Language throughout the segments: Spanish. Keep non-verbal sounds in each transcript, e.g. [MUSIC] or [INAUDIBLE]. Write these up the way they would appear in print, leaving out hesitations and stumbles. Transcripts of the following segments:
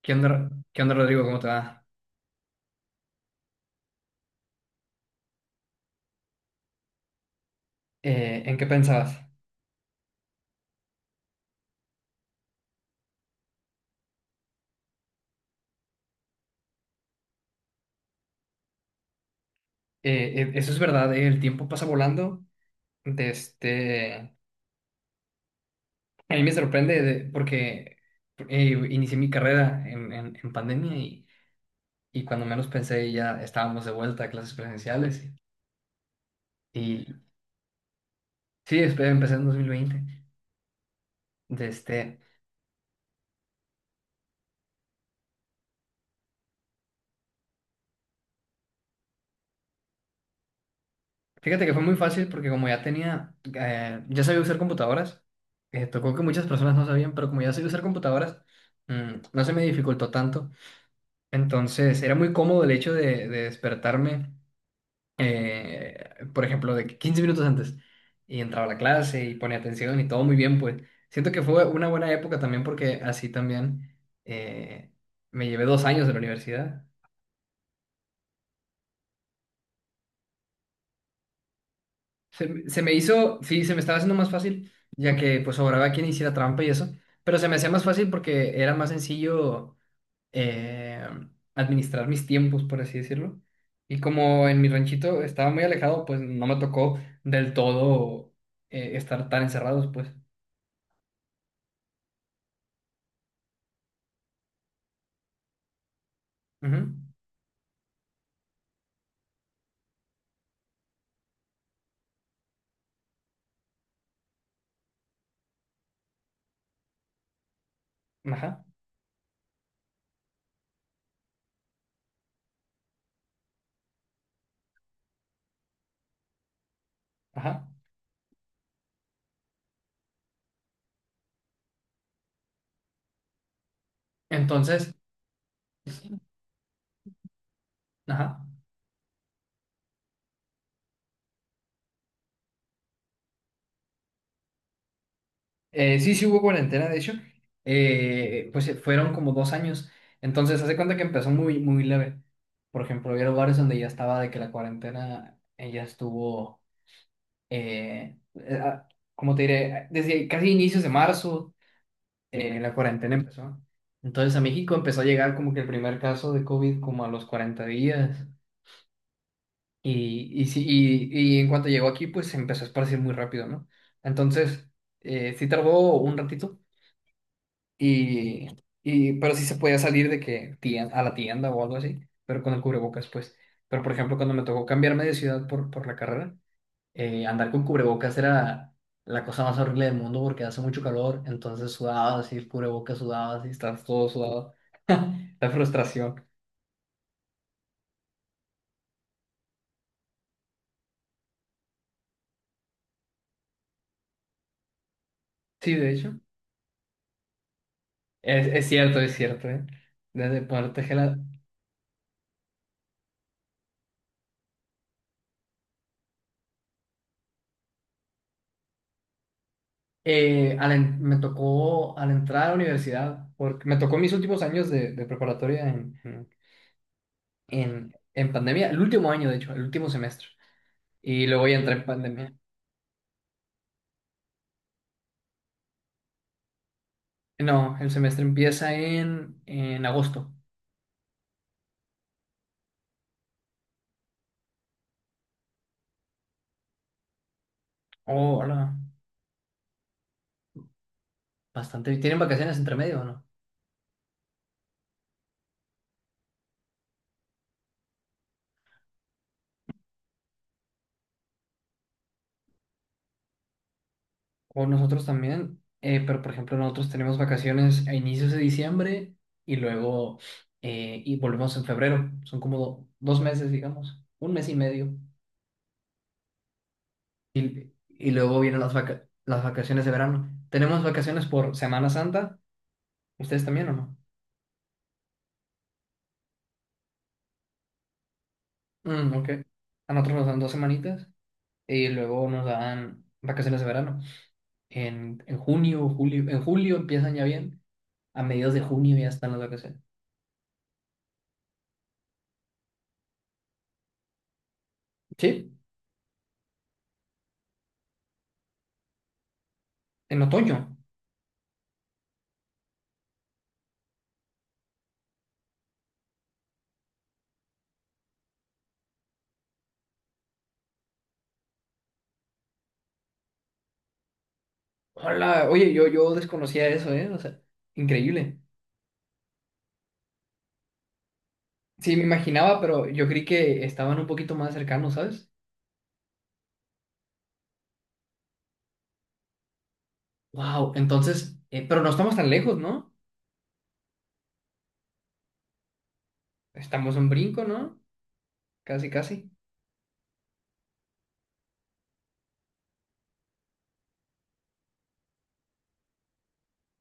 Qué onda, Rodrigo? ¿Cómo te va? ¿en qué pensabas? Eso es verdad, el tiempo pasa volando. De este... A mí me sorprende porque inicié mi carrera en pandemia y cuando menos pensé ya estábamos de vuelta a clases presenciales. Y sí, empecé en 2020. De este... Fíjate que fue muy fácil porque como ya tenía, ya sabía usar computadoras, tocó que muchas personas no sabían, pero como ya sabía usar computadoras, no se me dificultó tanto. Entonces, era muy cómodo el hecho de despertarme, eh, por ejemplo, de que 15 minutos antes, y entraba a la clase y ponía atención y todo muy bien, pues siento que fue una buena época también porque así también, eh, me llevé 2 años de la universidad. Se me hizo, sí, se me estaba haciendo más fácil, ya que pues sobraba quien hiciera trampa y eso, pero se me hacía más fácil porque era más sencillo eh, administrar mis tiempos, por así decirlo. Y como en mi ranchito estaba muy alejado, pues no me tocó del todo estar tan encerrados, pues. Ujú. Ajá, ajá. Entonces, ajá. Sí, sí hubo cuarentena, de hecho. Fueron como 2 años. Entonces, hace cuenta que empezó muy, muy leve. Por ejemplo, había lugares donde ya estaba de que la cuarentena ya estuvo, eh, eh, ah, ¿cómo te diré? Desde casi inicios de marzo la cuarentena empezó. Entonces a México empezó a llegar como que el primer caso de COVID como a los 40 días. Y en cuanto llegó aquí, pues se empezó a esparcir muy rápido, ¿no? Entonces, sí tardó un ratito, y, pero sí se podía salir de que a la tienda o algo así, pero con el cubrebocas, pues. Pero, por ejemplo, cuando me tocó cambiarme de ciudad por la carrera, andar con cubrebocas era la cosa más horrible del mundo porque hace mucho calor, entonces sudabas y el cubrebocas sudabas y estabas todo sudado. La frustración. Sí, de hecho. Es cierto, ¿eh? Desde parte que me tocó al entrar a la universidad, porque me tocó mis últimos años de preparatoria en pandemia, el último año, de hecho, el último semestre. Y luego ya entré en pandemia. No, el semestre empieza en agosto. Oh, hola. Bastante. ¿Tienen vacaciones entre medio o no? O nosotros también, pero por ejemplo nosotros tenemos vacaciones a inicios de diciembre y luego y volvemos en febrero. Son como dos meses, digamos, un mes y medio. Y luego vienen las las vacaciones de verano. Tenemos vacaciones por Semana Santa. ¿Ustedes también o no? Mm, ok. A nosotros nos dan dos semanitas y luego nos dan vacaciones de verano. En junio, julio, en julio empiezan ya bien. A mediados de junio ya están las vacaciones. Sí, en otoño. Hola, oye, yo desconocía eso, ¿eh? O sea, increíble. Sí, me imaginaba, pero yo creí que estaban un poquito más cercanos, ¿sabes? Wow, entonces, pero no estamos tan lejos, ¿no? Estamos en brinco, ¿no? Casi, casi.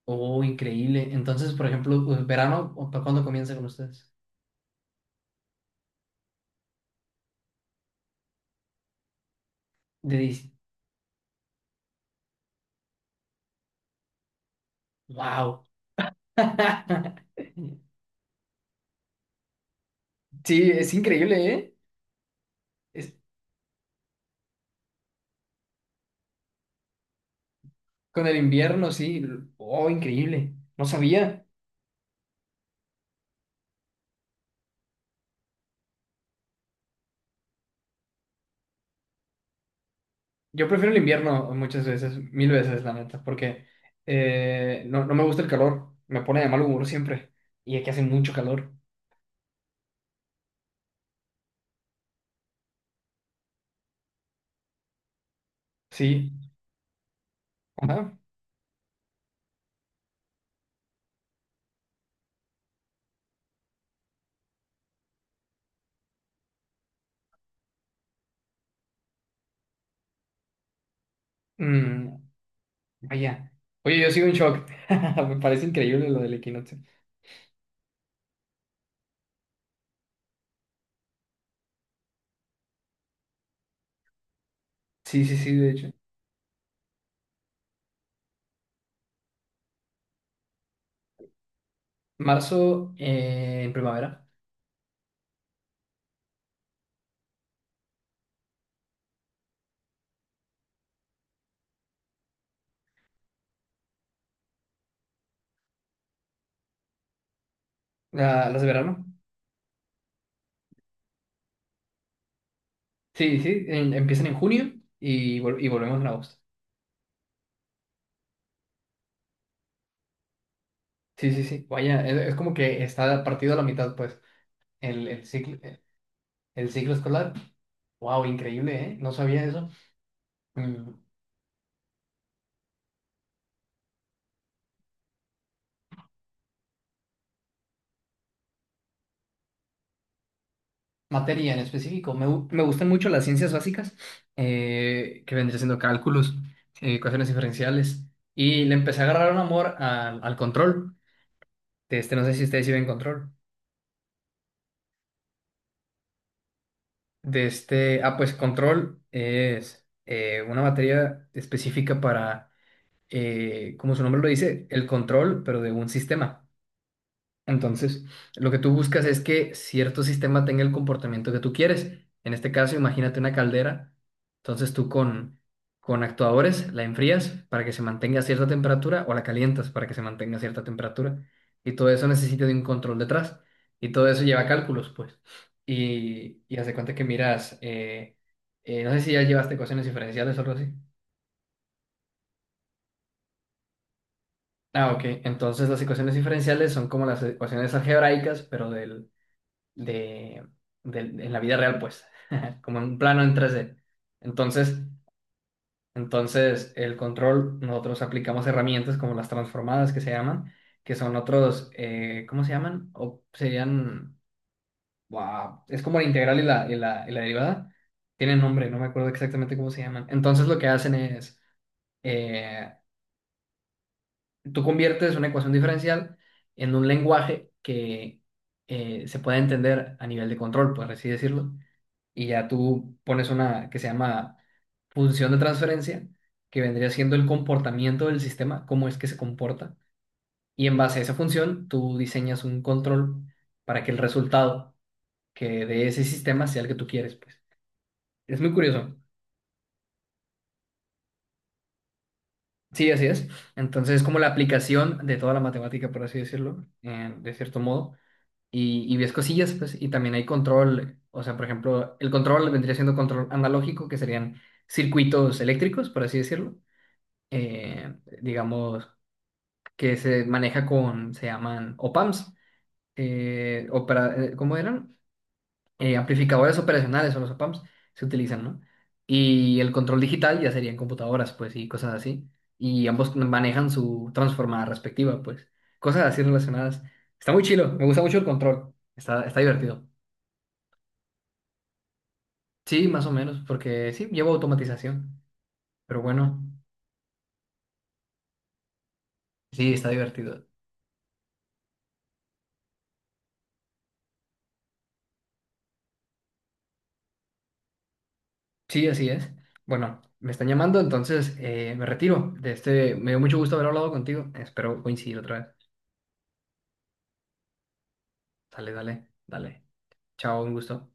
Oh, increíble. Entonces, por ejemplo, pues, verano, ¿o ¿para cuándo comienza con ustedes? De dice, wow. [LAUGHS] Sí, es increíble, ¿eh? Es- con el invierno, sí. Oh, increíble. No sabía. Yo prefiero el invierno muchas veces, mil veces, la neta, porque no me gusta el calor, me pone de mal humor siempre. Y aquí hace mucho calor. Sí. Ajá. Mm, vaya. Oye, yo sigo en shock. [LAUGHS] Me parece increíble lo del equinoccio. Sí, sí, sí, de hecho. Marzo en primavera, las de verano. Sí, sí, empiezan en junio y, y volvemos en agosto. Sí, sí, sí. Vaya, es como que está partido a la mitad, pues, el ciclo. El ciclo escolar. Wow, increíble, ¿eh? No sabía eso. Mm, Materia en específico. Me gustan mucho las ciencias básicas, que vendría siendo cálculos, ecuaciones diferenciales. Y le empecé a agarrar un amor al control. De este, no sé si ustedes sí ven control. De este, ah, pues control es una materia específica para, como su nombre lo dice, el control, pero de un sistema. Entonces, lo que tú buscas es que cierto sistema tenga el comportamiento que tú quieres. En este caso, imagínate una caldera. Entonces, con actuadores la enfrías para que se mantenga a cierta temperatura o la calientas para que se mantenga a cierta temperatura. Y todo eso necesita de un control detrás. Y todo eso lleva cálculos, pues. Y haz de cuenta que miras, no sé si ya llevaste ecuaciones diferenciales o algo así. Ah, ok. Entonces, las ecuaciones diferenciales son como las ecuaciones algebraicas, pero de, en la vida real, pues, [LAUGHS] como en un plano en tres d. Entonces, entonces el control, nosotros aplicamos herramientas como las transformadas que se llaman, que son otros, ¿cómo se llaman? O serían, wow, es como la integral y la derivada. Tienen nombre, no me acuerdo exactamente cómo se llaman. Entonces lo que hacen es, eh, tú conviertes una ecuación diferencial en un lenguaje que se pueda entender a nivel de control, por así decirlo. Y ya tú pones una que se llama función de transferencia, que vendría siendo el comportamiento del sistema, cómo es que se comporta. Y en base a esa función, tú diseñas un control para que el resultado que de ese sistema sea el que tú quieres, pues. Es muy curioso. Sí, así es. Entonces es como la aplicación de toda la matemática, por así decirlo, de cierto modo. Y ves cosillas, pues, y también hay control. O sea, por ejemplo, el control vendría siendo control analógico, que serían circuitos eléctricos, por así decirlo, eh, digamos, que se maneja con, se llaman opamps, ¿cómo eran? Amplificadores operacionales son los opamps, se utilizan, ¿no? Y el control digital ya serían computadoras, pues, y cosas así. Y ambos manejan su transformada respectiva, pues. Cosas así relacionadas. Está muy chilo, me gusta mucho el control. Está, está divertido. Sí, más o menos, porque sí, llevo automatización. Pero bueno, sí, está divertido. Sí, así es. Bueno, me están llamando, entonces me retiro. De este, me dio mucho gusto haber hablado contigo. Espero coincidir otra vez. Dale, dale, dale. Chao, un gusto.